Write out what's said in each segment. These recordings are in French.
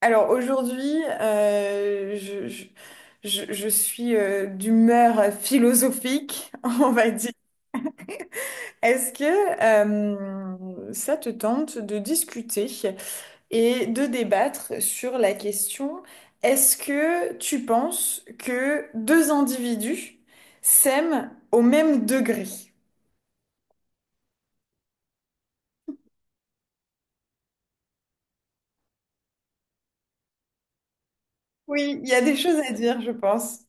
Alors aujourd'hui, je suis d'humeur philosophique, on va dire. Est-ce que ça te tente de discuter et de débattre sur la question, est-ce que tu penses que deux individus s'aiment au même degré? Oui, il y a des choses à dire, je pense.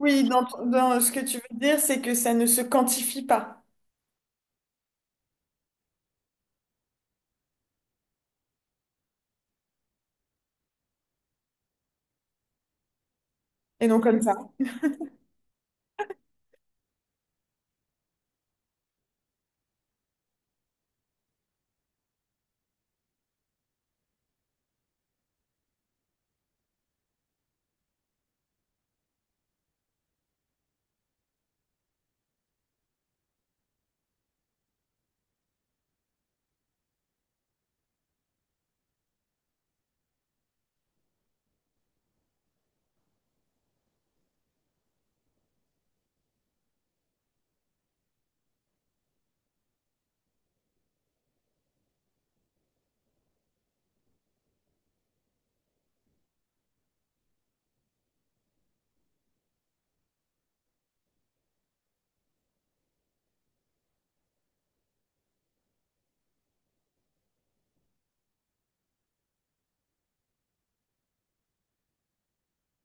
Oui, dans ce que tu veux dire, c'est que ça ne se quantifie pas. Et non comme ça.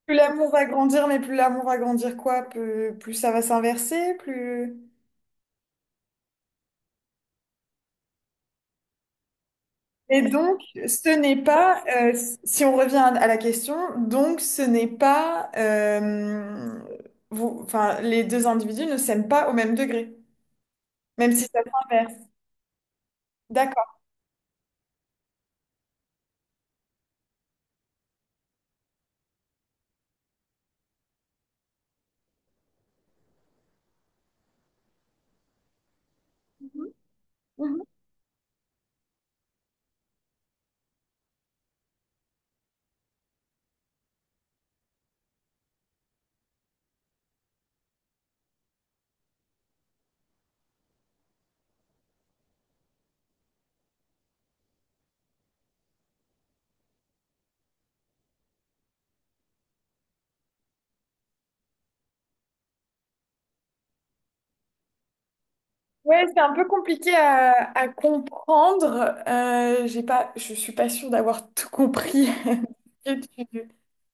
Plus l'amour va grandir, mais plus l'amour va grandir quoi? Plus ça va s'inverser, plus... Et donc, ce n'est pas, si on revient à la question, donc ce n'est pas, vous, enfin, les deux individus ne s'aiment pas au même degré, même si ça s'inverse. D'accord. Mhm. Ouais, c'est un peu compliqué à comprendre. J'ai pas, je suis pas sûre d'avoir tout compris.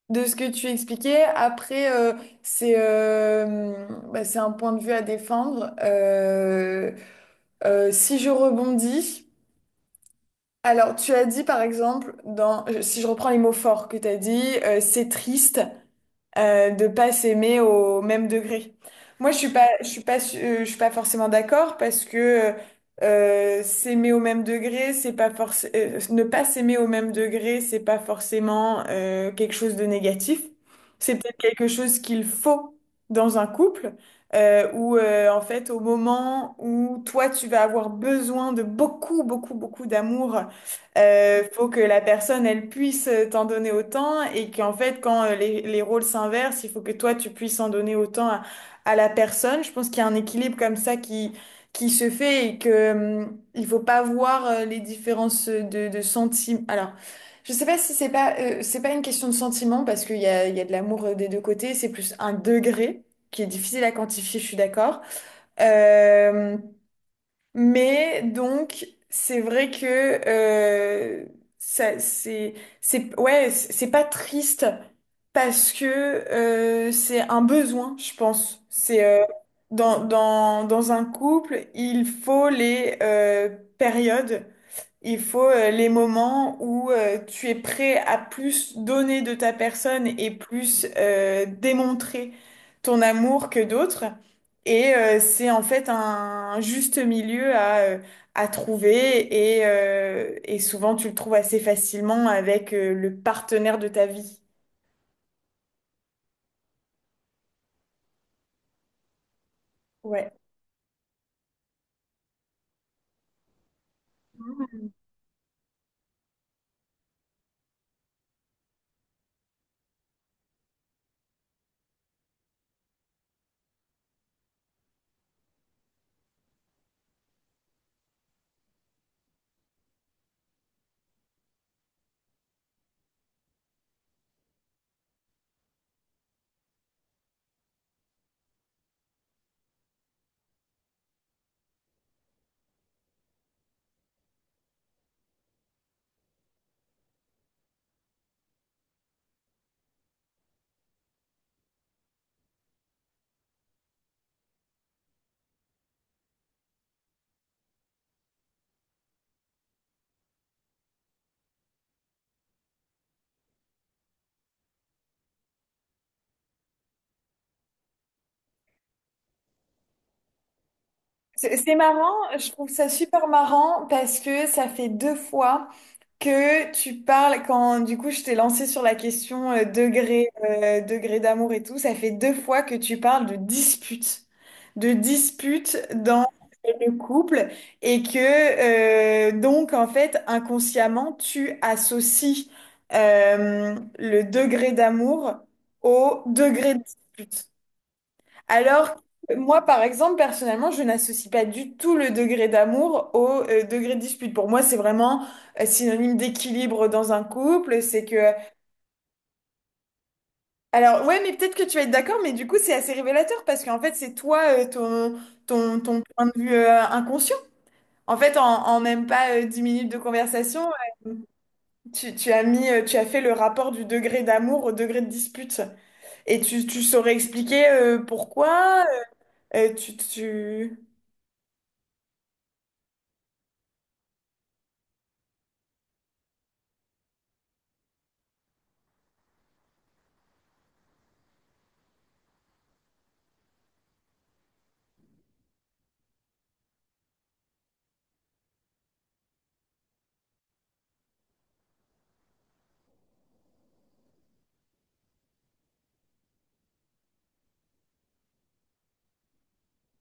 De ce que tu expliquais, après, c'est bah, c'est un point de vue à défendre. Si je rebondis, alors tu as dit par exemple, si je reprends les mots forts que tu as dit, c'est triste, de pas s'aimer au même degré. Moi, je suis pas forcément d'accord parce que s'aimer au même degré, c'est pas forcément, ne pas s'aimer au même degré, c'est pas forcément quelque chose de négatif. C'est peut-être quelque chose qu'il faut dans un couple. Où en fait au moment où toi tu vas avoir besoin de beaucoup beaucoup beaucoup d'amour faut que la personne, elle puisse t'en donner autant et qu'en fait, quand les rôles s'inversent, il faut que toi, tu puisses en donner autant à la personne. Je pense qu'il y a un équilibre comme ça qui se fait et que, il faut pas voir les différences de sentiments. Alors, je sais pas si c'est pas, c'est pas une question de sentiment parce il y a de l'amour des deux côtés. C'est plus un degré qui est difficile à quantifier, je suis d'accord. Euh, mais donc, c'est vrai que euh, ça, c'est, ouais, c'est pas triste parce que c'est un besoin, je pense. C'est dans un couple, il faut les périodes. Il faut les moments où tu es prêt à plus donner de ta personne et plus démontrer ton amour que d'autres. Et c'est en fait un juste milieu à trouver et souvent tu le trouves assez facilement avec le partenaire de ta vie. Ouais. C'est marrant, je trouve ça super marrant parce que ça fait deux fois que tu parles quand du coup je t'ai lancé sur la question degré d'amour et tout, ça fait deux fois que tu parles de dispute dans le couple et que donc en fait inconsciemment tu associes le degré d'amour au degré de dispute. Alors, moi, par exemple, personnellement, je n'associe pas du tout le degré d'amour au degré de dispute. Pour moi, c'est vraiment synonyme d'équilibre dans un couple. C'est que... Alors, ouais, mais peut-être que tu vas être d'accord, mais du coup, c'est assez révélateur parce qu'en fait, c'est toi, ton point de vue inconscient. En fait, en même pas 10 minutes de conversation, euh, tu as mis, tu as fait le rapport du degré d'amour au degré de dispute. Et tu saurais expliquer pourquoi tu...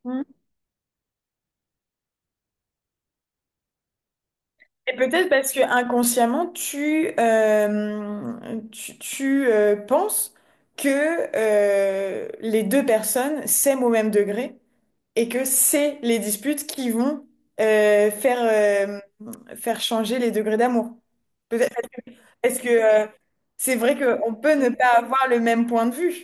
hmm. Et peut-être parce que inconsciemment, penses que les deux personnes s'aiment au même degré et que c'est les disputes qui vont euh, faire, euh, faire changer les degrés d'amour. Peut-être parce que c'est vrai qu'on peut ne pas avoir le même point de vue.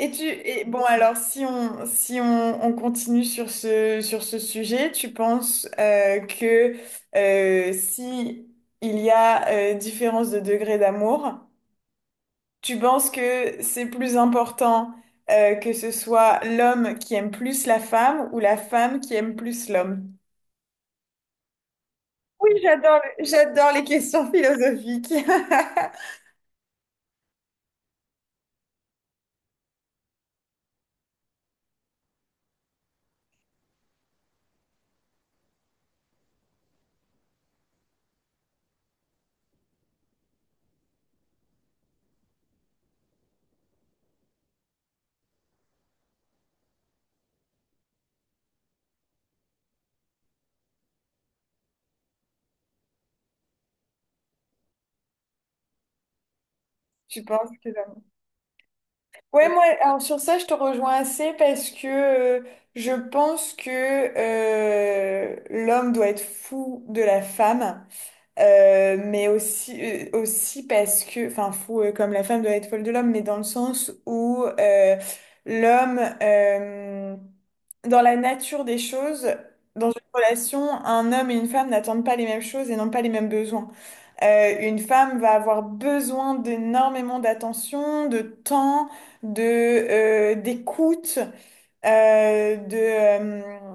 Et tu et bon alors si on, on continue sur ce sujet, tu penses que si il y a différence de degré d'amour, tu penses que c'est plus important que ce soit l'homme qui aime plus la femme ou la femme qui aime plus l'homme? Oui, j'adore les questions philosophiques. Tu penses que ouais, moi, alors sur ça, je te rejoins assez parce que je pense que l'homme doit être fou de la femme, mais aussi, aussi parce que, enfin, fou comme la femme doit être folle de l'homme, mais dans le sens où l'homme, euh, dans la nature des choses, dans une relation, un homme et une femme n'attendent pas les mêmes choses et n'ont pas les mêmes besoins. Une femme va avoir besoin d'énormément d'attention, de temps, de d'écoute, de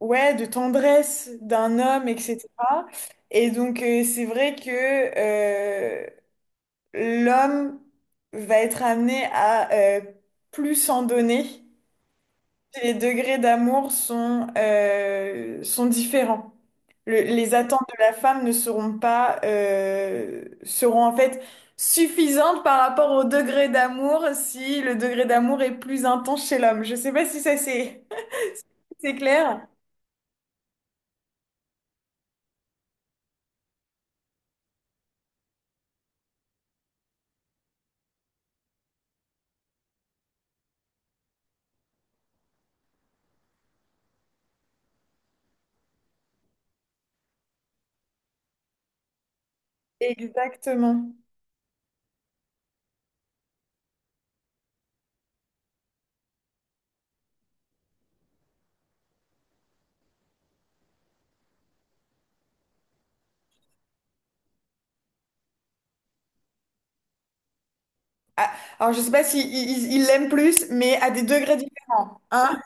ouais, de tendresse d'un homme, etc. Et donc c'est vrai que euh, l'homme va être amené à euh, plus en donner les degrés d'amour sont, sont différents. Les attentes de la femme ne seront pas, seront en fait suffisantes par rapport au degré d'amour si le degré d'amour est plus intense chez l'homme. Je sais pas si ça c'est c'est clair. Exactement. Ah, alors je sais pas si il l'aime plus, mais à des degrés différents. Hein